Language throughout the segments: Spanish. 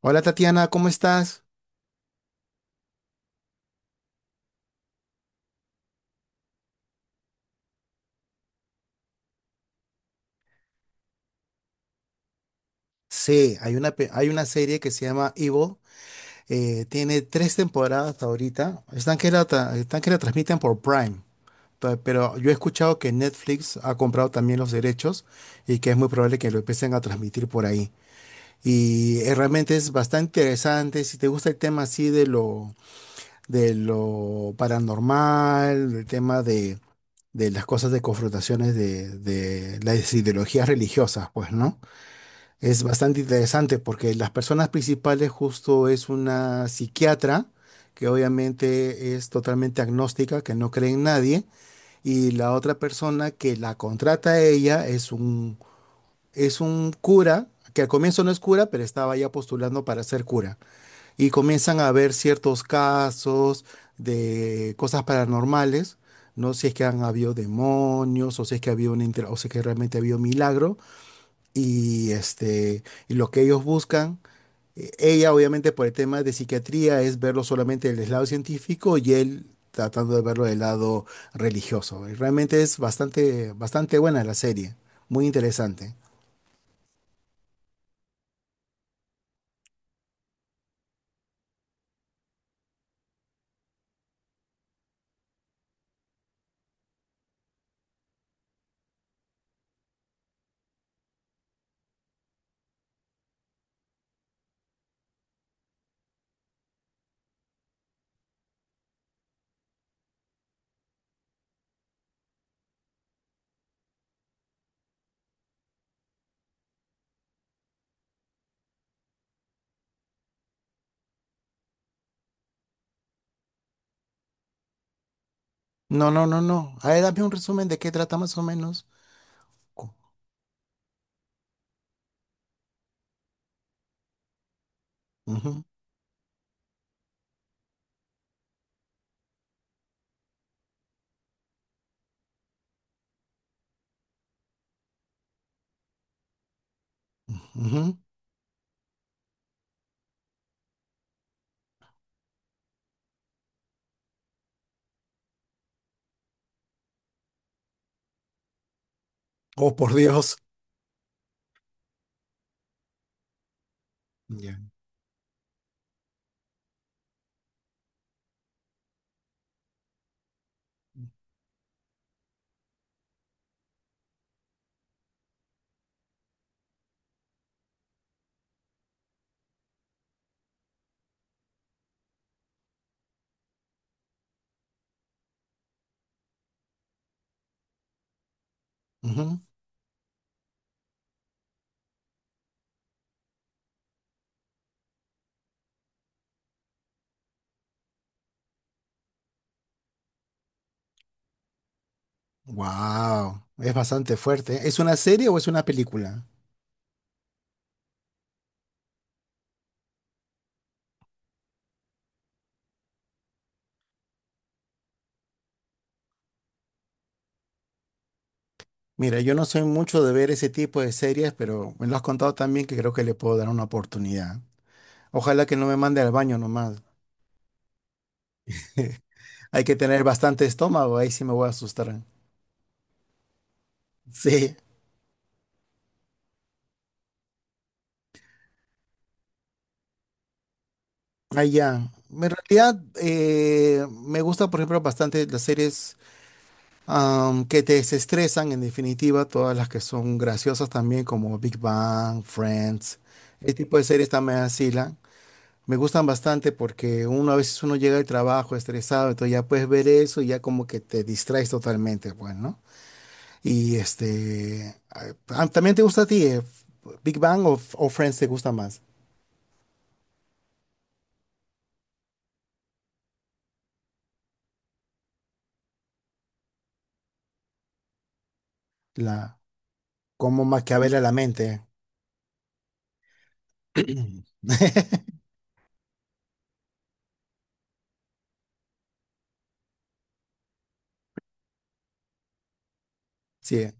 Hola Tatiana, ¿cómo estás? Sí, hay una serie que se llama Evil. Tiene tres temporadas hasta ahorita. Están que la transmiten por Prime. Pero yo he escuchado que Netflix ha comprado también los derechos y que es muy probable que lo empiecen a transmitir por ahí. Y realmente es bastante interesante. Si te gusta el tema así de lo paranormal, el tema de las cosas de confrontaciones de las ideologías religiosas, pues, ¿no? Es bastante interesante porque las personas principales justo es una psiquiatra que obviamente es totalmente agnóstica, que no cree en nadie, y la otra persona que la contrata a ella es un cura, que al comienzo no es cura, pero estaba ya postulando para ser cura. Y comienzan a ver ciertos casos de cosas paranormales, no sé si es que han habido demonios o si es que ha habido o si es que realmente ha habido milagro y este, y lo que ellos buscan, ella obviamente por el tema de psiquiatría es verlo solamente del lado científico y él tratando de verlo del lado religioso. Y realmente es bastante, bastante buena la serie, muy interesante. No, no, no, no. A ver, dame un resumen de qué trata más o menos. Co- Ujú, ujú. Oh, por Dios. Ya. Wow, es bastante fuerte. ¿Es una serie o es una película? Mira, yo no soy mucho de ver ese tipo de series, pero me lo has contado también que creo que le puedo dar una oportunidad. Ojalá que no me mande al baño nomás. Hay que tener bastante estómago, ahí sí me voy a asustar. Sí, allá. En realidad, me gusta, por ejemplo, bastante las series que te desestresan, en definitiva, todas las que son graciosas también, como Big Bang, Friends. Ese tipo de series también así. Me gustan bastante porque uno a veces uno llega al trabajo estresado, entonces ya puedes ver eso y ya como que te distraes totalmente, pues, ¿no? Y este, ¿también te gusta a ti Big Bang o Friends te gusta más? La, Cómo maquiavela la mente. Sí,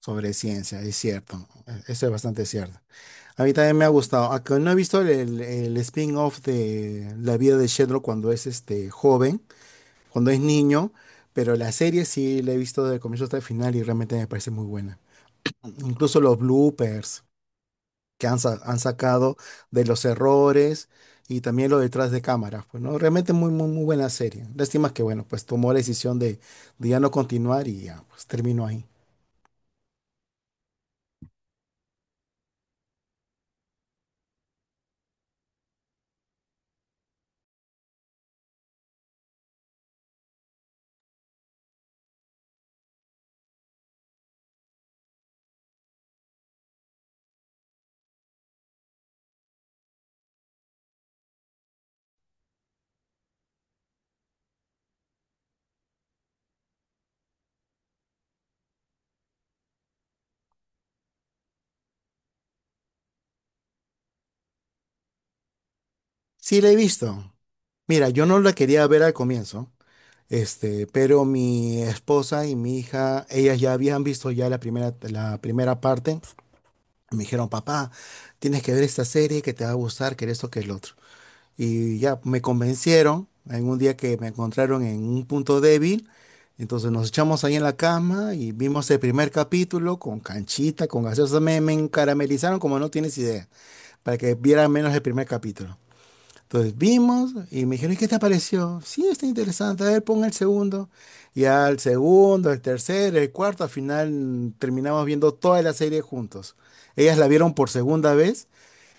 sobre ciencia, es cierto. Eso es bastante cierto. A mí también me ha gustado, aunque no he visto el spin-off de la vida de Sheldon cuando es este joven, cuando es niño, pero la serie sí la he visto de comienzo hasta el final y realmente me parece muy buena. Incluso los bloopers que han sacado de los errores y también lo detrás de cámaras, pues no, realmente muy, muy, muy buena serie. Lástima que, bueno, pues tomó la decisión de ya no continuar y ya, pues terminó ahí. Sí la he visto. Mira, yo no la quería ver al comienzo. Este, pero mi esposa y mi hija, ellas ya habían visto ya la primera parte. Me dijeron, papá, tienes que ver esta serie que te va a gustar, que esto, que el otro. Y ya me convencieron, en un día que me encontraron en un punto débil, entonces nos echamos ahí en la cama y vimos el primer capítulo con canchita, con gaseosa, me caramelizaron como no tienes idea, para que viera menos el primer capítulo. Entonces vimos y me dijeron, ¿y qué te pareció? Sí, está interesante. A ver, pon el segundo. Y al segundo, el tercero, el cuarto, al final terminamos viendo toda la serie juntos. Ellas la vieron por segunda vez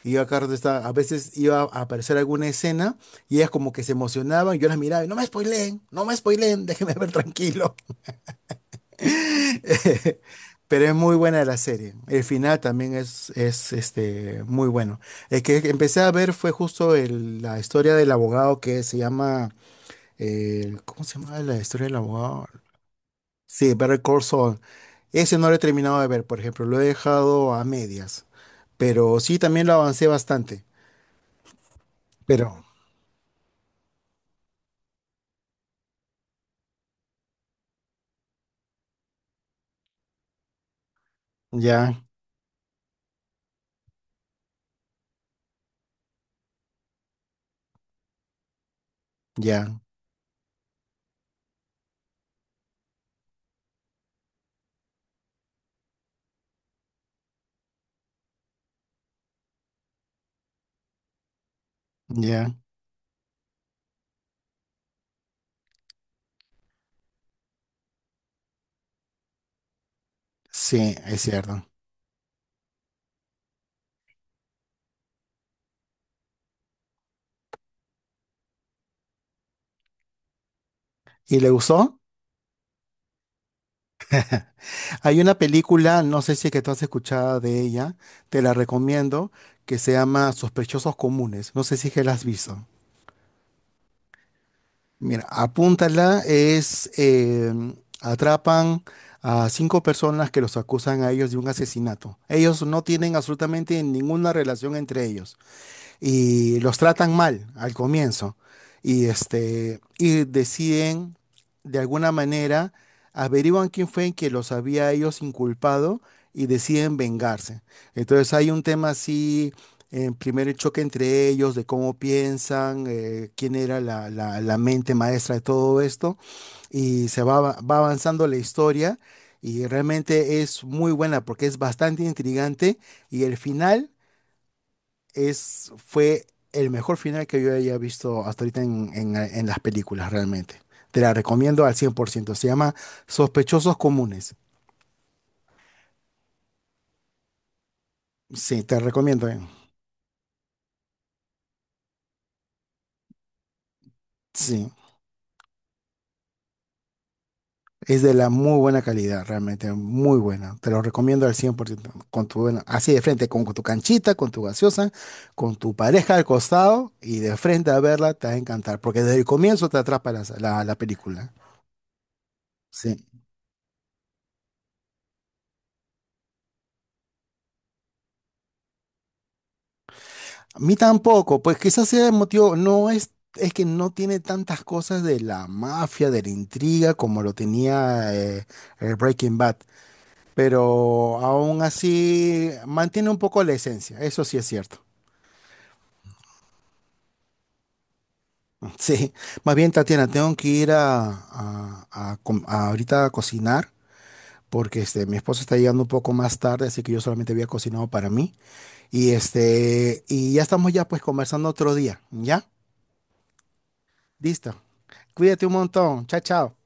y yo acá a veces iba a aparecer alguna escena y ellas como que se emocionaban. Yo las miraba y no me spoileen, no me spoileen, déjenme ver tranquilo. Pero es muy buena la serie. El final también es este, muy bueno. El que empecé a ver fue justo la historia del abogado que se llama. ¿Cómo se llama la historia del abogado? Sí, Better Call Saul. Ese no lo he terminado de ver, por ejemplo. Lo he dejado a medias. Pero sí, también lo avancé bastante. Pero ya, ya, ya. Sí, es cierto. ¿Y le gustó? Hay una película, no sé si es que tú has escuchado de ella, te la recomiendo, que se llama Sospechosos Comunes. No sé si es que la has visto. Mira, apúntala, es atrapan a cinco personas que los acusan a ellos de un asesinato. Ellos no tienen absolutamente ninguna relación entre ellos y los tratan mal al comienzo y este y deciden de alguna manera averiguan quién fue en que los había ellos inculpado y deciden vengarse. Entonces hay un tema así, en primer choque entre ellos, de cómo piensan, quién era la mente maestra de todo esto, y va avanzando la historia, y realmente es muy buena porque es bastante intrigante, y el final fue el mejor final que yo haya visto hasta ahorita en, en las películas, realmente. Te la recomiendo al 100%. Se llama Sospechosos Comunes. Sí, te la recomiendo. Sí, es de la muy buena calidad, realmente, muy buena. Te lo recomiendo al 100%. Con tu, bueno, así de frente, con tu canchita, con tu gaseosa, con tu pareja al costado y de frente a verla, te va a encantar, porque desde el comienzo te atrapa la película. Sí. A mí tampoco, pues quizás sea el motivo, no es que no tiene tantas cosas de la mafia, de la intriga, como lo tenía el Breaking Bad, pero aún así mantiene un poco la esencia, eso sí es cierto. Sí, más bien Tatiana, tengo que ir a ahorita a cocinar. Porque este, mi esposo está llegando un poco más tarde, así que yo solamente había cocinado para mí. Y este, y ya estamos ya pues conversando otro día, ¿ya? Listo. Cuídate un montón. Chao, chao.